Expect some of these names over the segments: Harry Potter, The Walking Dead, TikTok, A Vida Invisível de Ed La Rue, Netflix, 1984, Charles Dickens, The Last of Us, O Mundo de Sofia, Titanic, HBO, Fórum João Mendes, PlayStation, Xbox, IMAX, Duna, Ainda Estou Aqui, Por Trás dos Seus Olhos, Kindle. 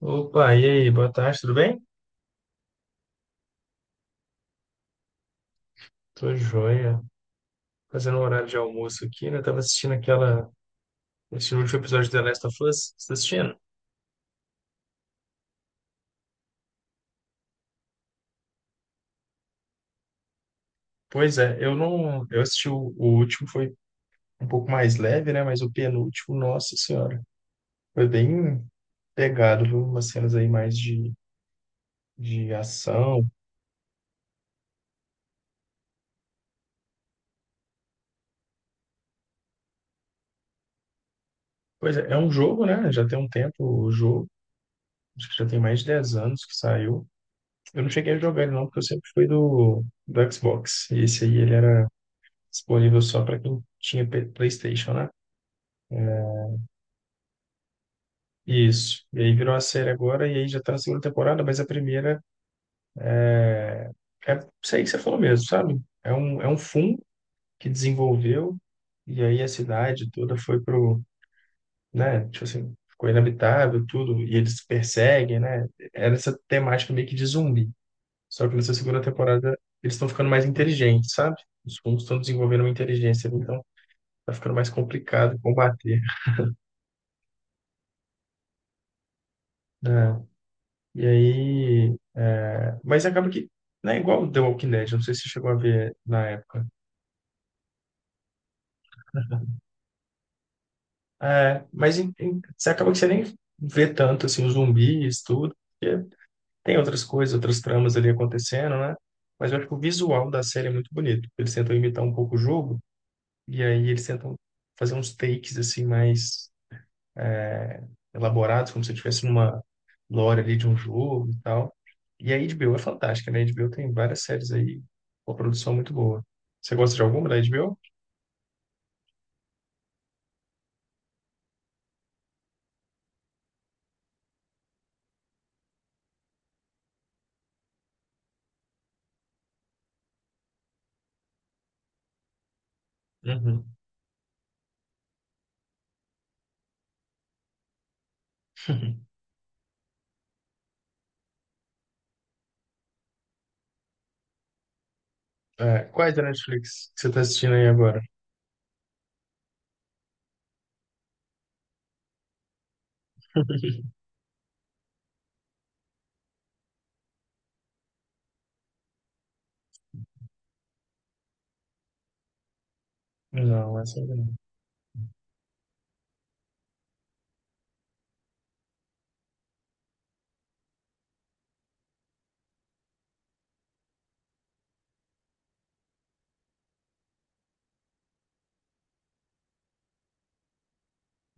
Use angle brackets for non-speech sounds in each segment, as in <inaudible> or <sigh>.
Opa, e aí? Boa tarde, tudo bem? Tô joia. Fazendo um horário de almoço aqui, né? Tava assistindo aquela... Assistindo o último episódio de The Last of Us. Você tá assistindo? Pois é, eu não... Eu assisti o último, foi um pouco mais leve, né? Mas o penúltimo, nossa senhora. Foi bem pegado, viu? Umas cenas aí mais de ação. Pois é, é um jogo, né? Já tem um tempo o jogo. Acho que já tem mais de 10 anos que saiu. Eu não cheguei a jogar ele não, porque eu sempre fui do Xbox. E esse aí, ele era disponível só para quem tinha PlayStation, né? Isso. E aí virou a série agora, e aí já tá na segunda temporada, mas a primeira é isso aí que você falou mesmo, sabe? É um fundo que desenvolveu, e aí a cidade toda foi pro, né? Tipo assim, ficou inabitável, tudo, e eles perseguem, né? Era essa temática meio que de zumbi. Só que nessa segunda temporada eles estão ficando mais inteligentes, sabe? Os fungos estão desenvolvendo uma inteligência, então tá ficando mais complicado combater, né? E aí. É, mas acaba que. Não é igual o The Walking Dead, não sei se você chegou a ver na época. É, mas você acaba que você nem vê tanto assim, os zumbis, tudo, porque tem outras coisas, outras tramas ali acontecendo, né? Mas eu acho que o visual da série é muito bonito. Eles tentam imitar um pouco o jogo, e aí eles tentam fazer uns takes assim mais. é, elaborados, como se eu estivesse numa lore ali de um jogo e tal. E a HBO é fantástica, né? A HBO tem várias séries aí, uma produção muito boa. Você gosta de alguma da HBO? Uhum. <laughs> É, quais da Netflix que você está assistindo aí agora? <laughs> Não, essa ainda não.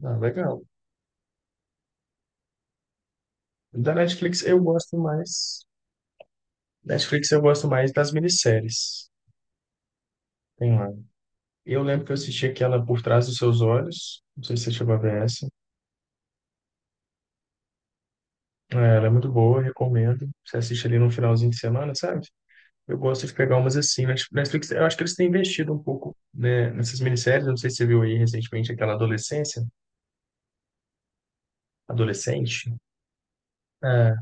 Ah, legal. Da Netflix eu gosto mais. Netflix eu gosto mais das minisséries. Tem lá. Eu lembro que eu assisti aquela Por Trás dos Seus Olhos. Não sei se você chegou a ver essa. É, ela é muito boa, recomendo. Você assiste ali no finalzinho de semana, sabe? Eu gosto de pegar umas assim. Netflix, eu acho que eles têm investido um pouco, né, nessas minisséries. Eu não sei se você viu aí recentemente aquela Adolescência, Adolescente. É,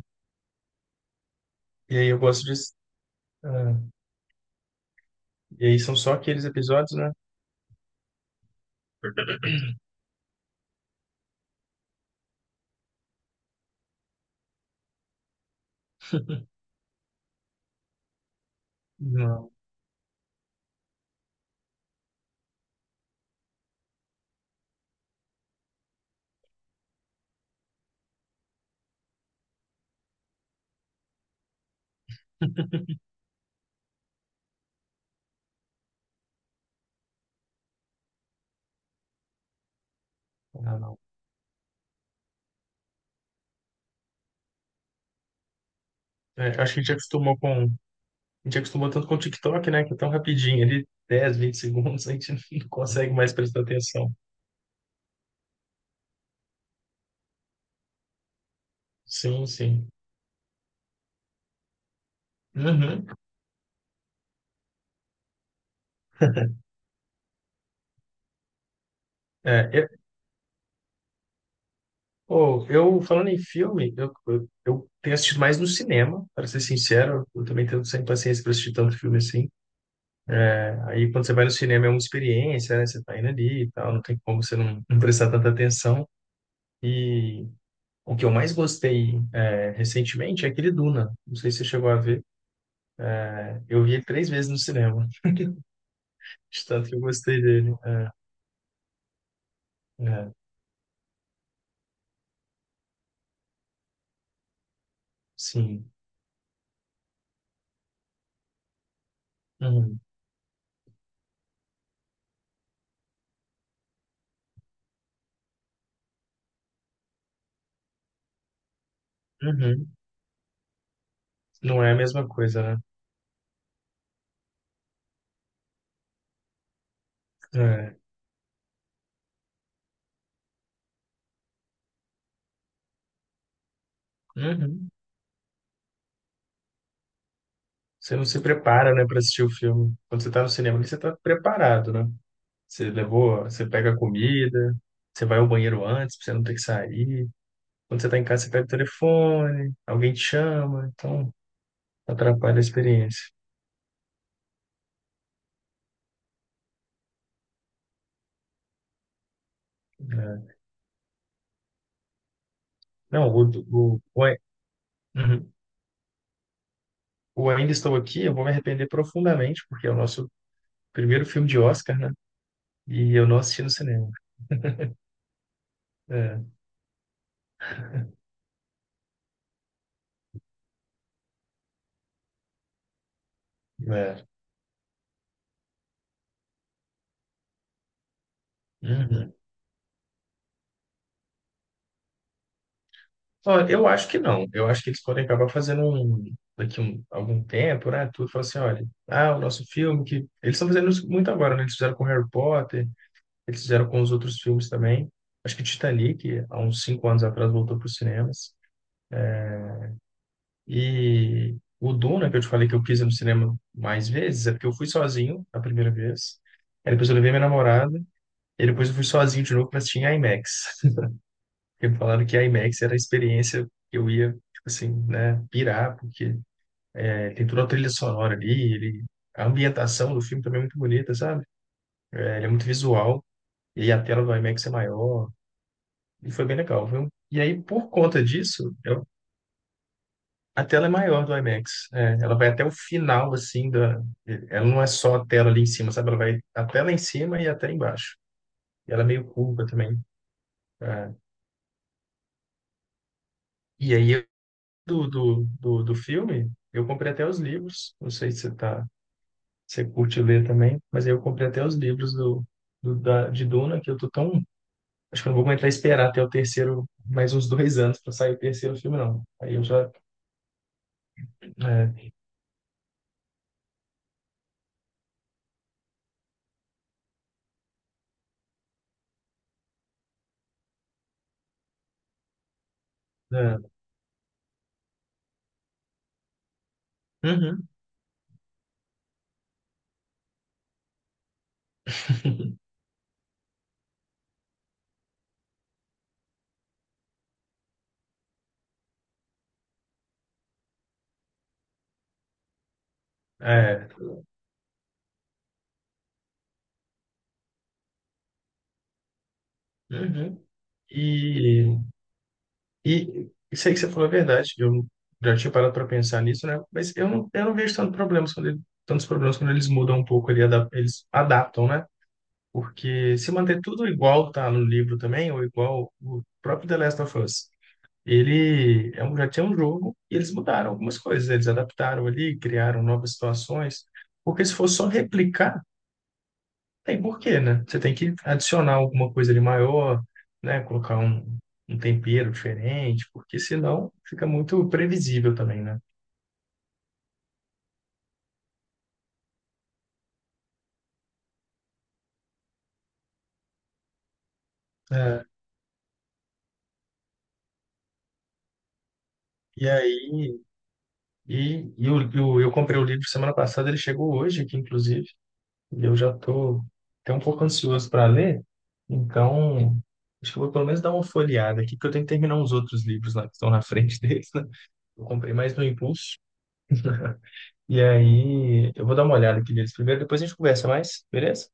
e aí eu gosto de. é, e aí são só aqueles episódios, né? <laughs> Não, não. É, acho que a gente acostumou com. A gente acostumou tanto com o TikTok, né? Que é tão rapidinho, ali 10, 20 segundos, a gente <laughs> não consegue mais prestar atenção. Sim, sim. Uhum. É, Pô, eu falando em filme, eu tenho assistido mais no cinema, para ser sincero, eu também tenho sem paciência para assistir tanto filme assim. Aí quando você vai no cinema é uma experiência, né? Você tá indo ali e tal, não tem como você não, não prestar tanta atenção. E o que eu mais gostei é, recentemente é aquele Duna. Não sei se você chegou a ver. Eu vi ele 3 vezes no cinema, de tanto que eu gostei dele. É, é, sim. Uhum. Uhum. Não é a mesma coisa, né? É. Uhum. Você não se prepara, né, para assistir o filme. Quando você tá no cinema, ali, você tá preparado, né? Você levou, você pega a comida, você vai ao banheiro antes, pra você não ter que sair. Quando você tá em casa, você pega o telefone, alguém te chama, então atrapalha a experiência. Né? Não, Uhum. O Ainda Estou Aqui, eu vou me arrepender profundamente, porque é o nosso primeiro filme de Oscar, né? E eu não assisti no cinema. É, é. Uhum. Ó, eu acho que não. Eu acho que eles podem acabar fazendo um, daqui um, algum tempo, né? Tudo fala assim, olha, ah, o nosso filme que eles estão fazendo isso muito agora, né? Eles fizeram com Harry Potter, eles fizeram com os outros filmes também. Acho que Titanic, há uns 5 anos atrás, voltou para os cinemas. E o Duna, que eu te falei que eu quis ir no cinema mais vezes, é porque eu fui sozinho a primeira vez. Aí depois eu levei minha namorada. E depois eu fui sozinho de novo para assistir em IMAX. <laughs> Porque me falaram que IMAX era a experiência que eu ia, tipo assim, né, pirar, porque tem toda a trilha sonora ali, ele... a ambientação do filme também é muito bonita, sabe? É, ele é muito visual, e a tela do IMAX é maior, e foi bem legal, viu? E aí, por conta disso, eu- a tela é maior do IMAX. É, ela vai até o final, assim, da... ela não é só a tela ali em cima, sabe? Ela vai até lá em cima e até embaixo. E ela é meio curva também. É. E aí, eu- do filme, eu comprei até os livros, não sei se você tá... se você curte ler também, mas aí eu comprei até os livros de Duna, que eu tô tão acho que eu não vou aguentar esperar até o terceiro, mais uns 2 anos para sair o terceiro filme, não. Aí eu já. É, é, uhum, <laughs> é, uhum. E, e isso aí que você falou é verdade. Eu já tinha parado para pensar nisso, né? Mas eu não vejo tantos problemas quando eles mudam um pouco, eles adaptam, né? Porque se manter tudo igual tá no livro também, ou igual o próprio The Last of Us. Ele é um, já tinha um jogo e eles mudaram algumas coisas, eles adaptaram ali, criaram novas situações, porque se for só replicar, tem porquê, né? Você tem que adicionar alguma coisa ali maior, né? Colocar um, um tempero diferente, porque senão fica muito previsível também, né? É, e aí, eu comprei o livro semana passada, ele chegou hoje aqui, inclusive, e eu já estou até um pouco ansioso para ler, então acho que eu vou pelo menos dar uma folheada aqui, porque eu tenho que terminar uns outros livros lá que estão na frente <laughs> deles, né? Eu comprei mais no Impulso, e aí eu vou dar uma olhada aqui neles primeiro, depois a gente conversa mais, beleza?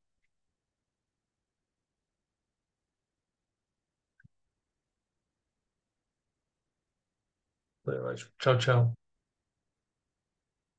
Foi ótimo. Tchau, tchau.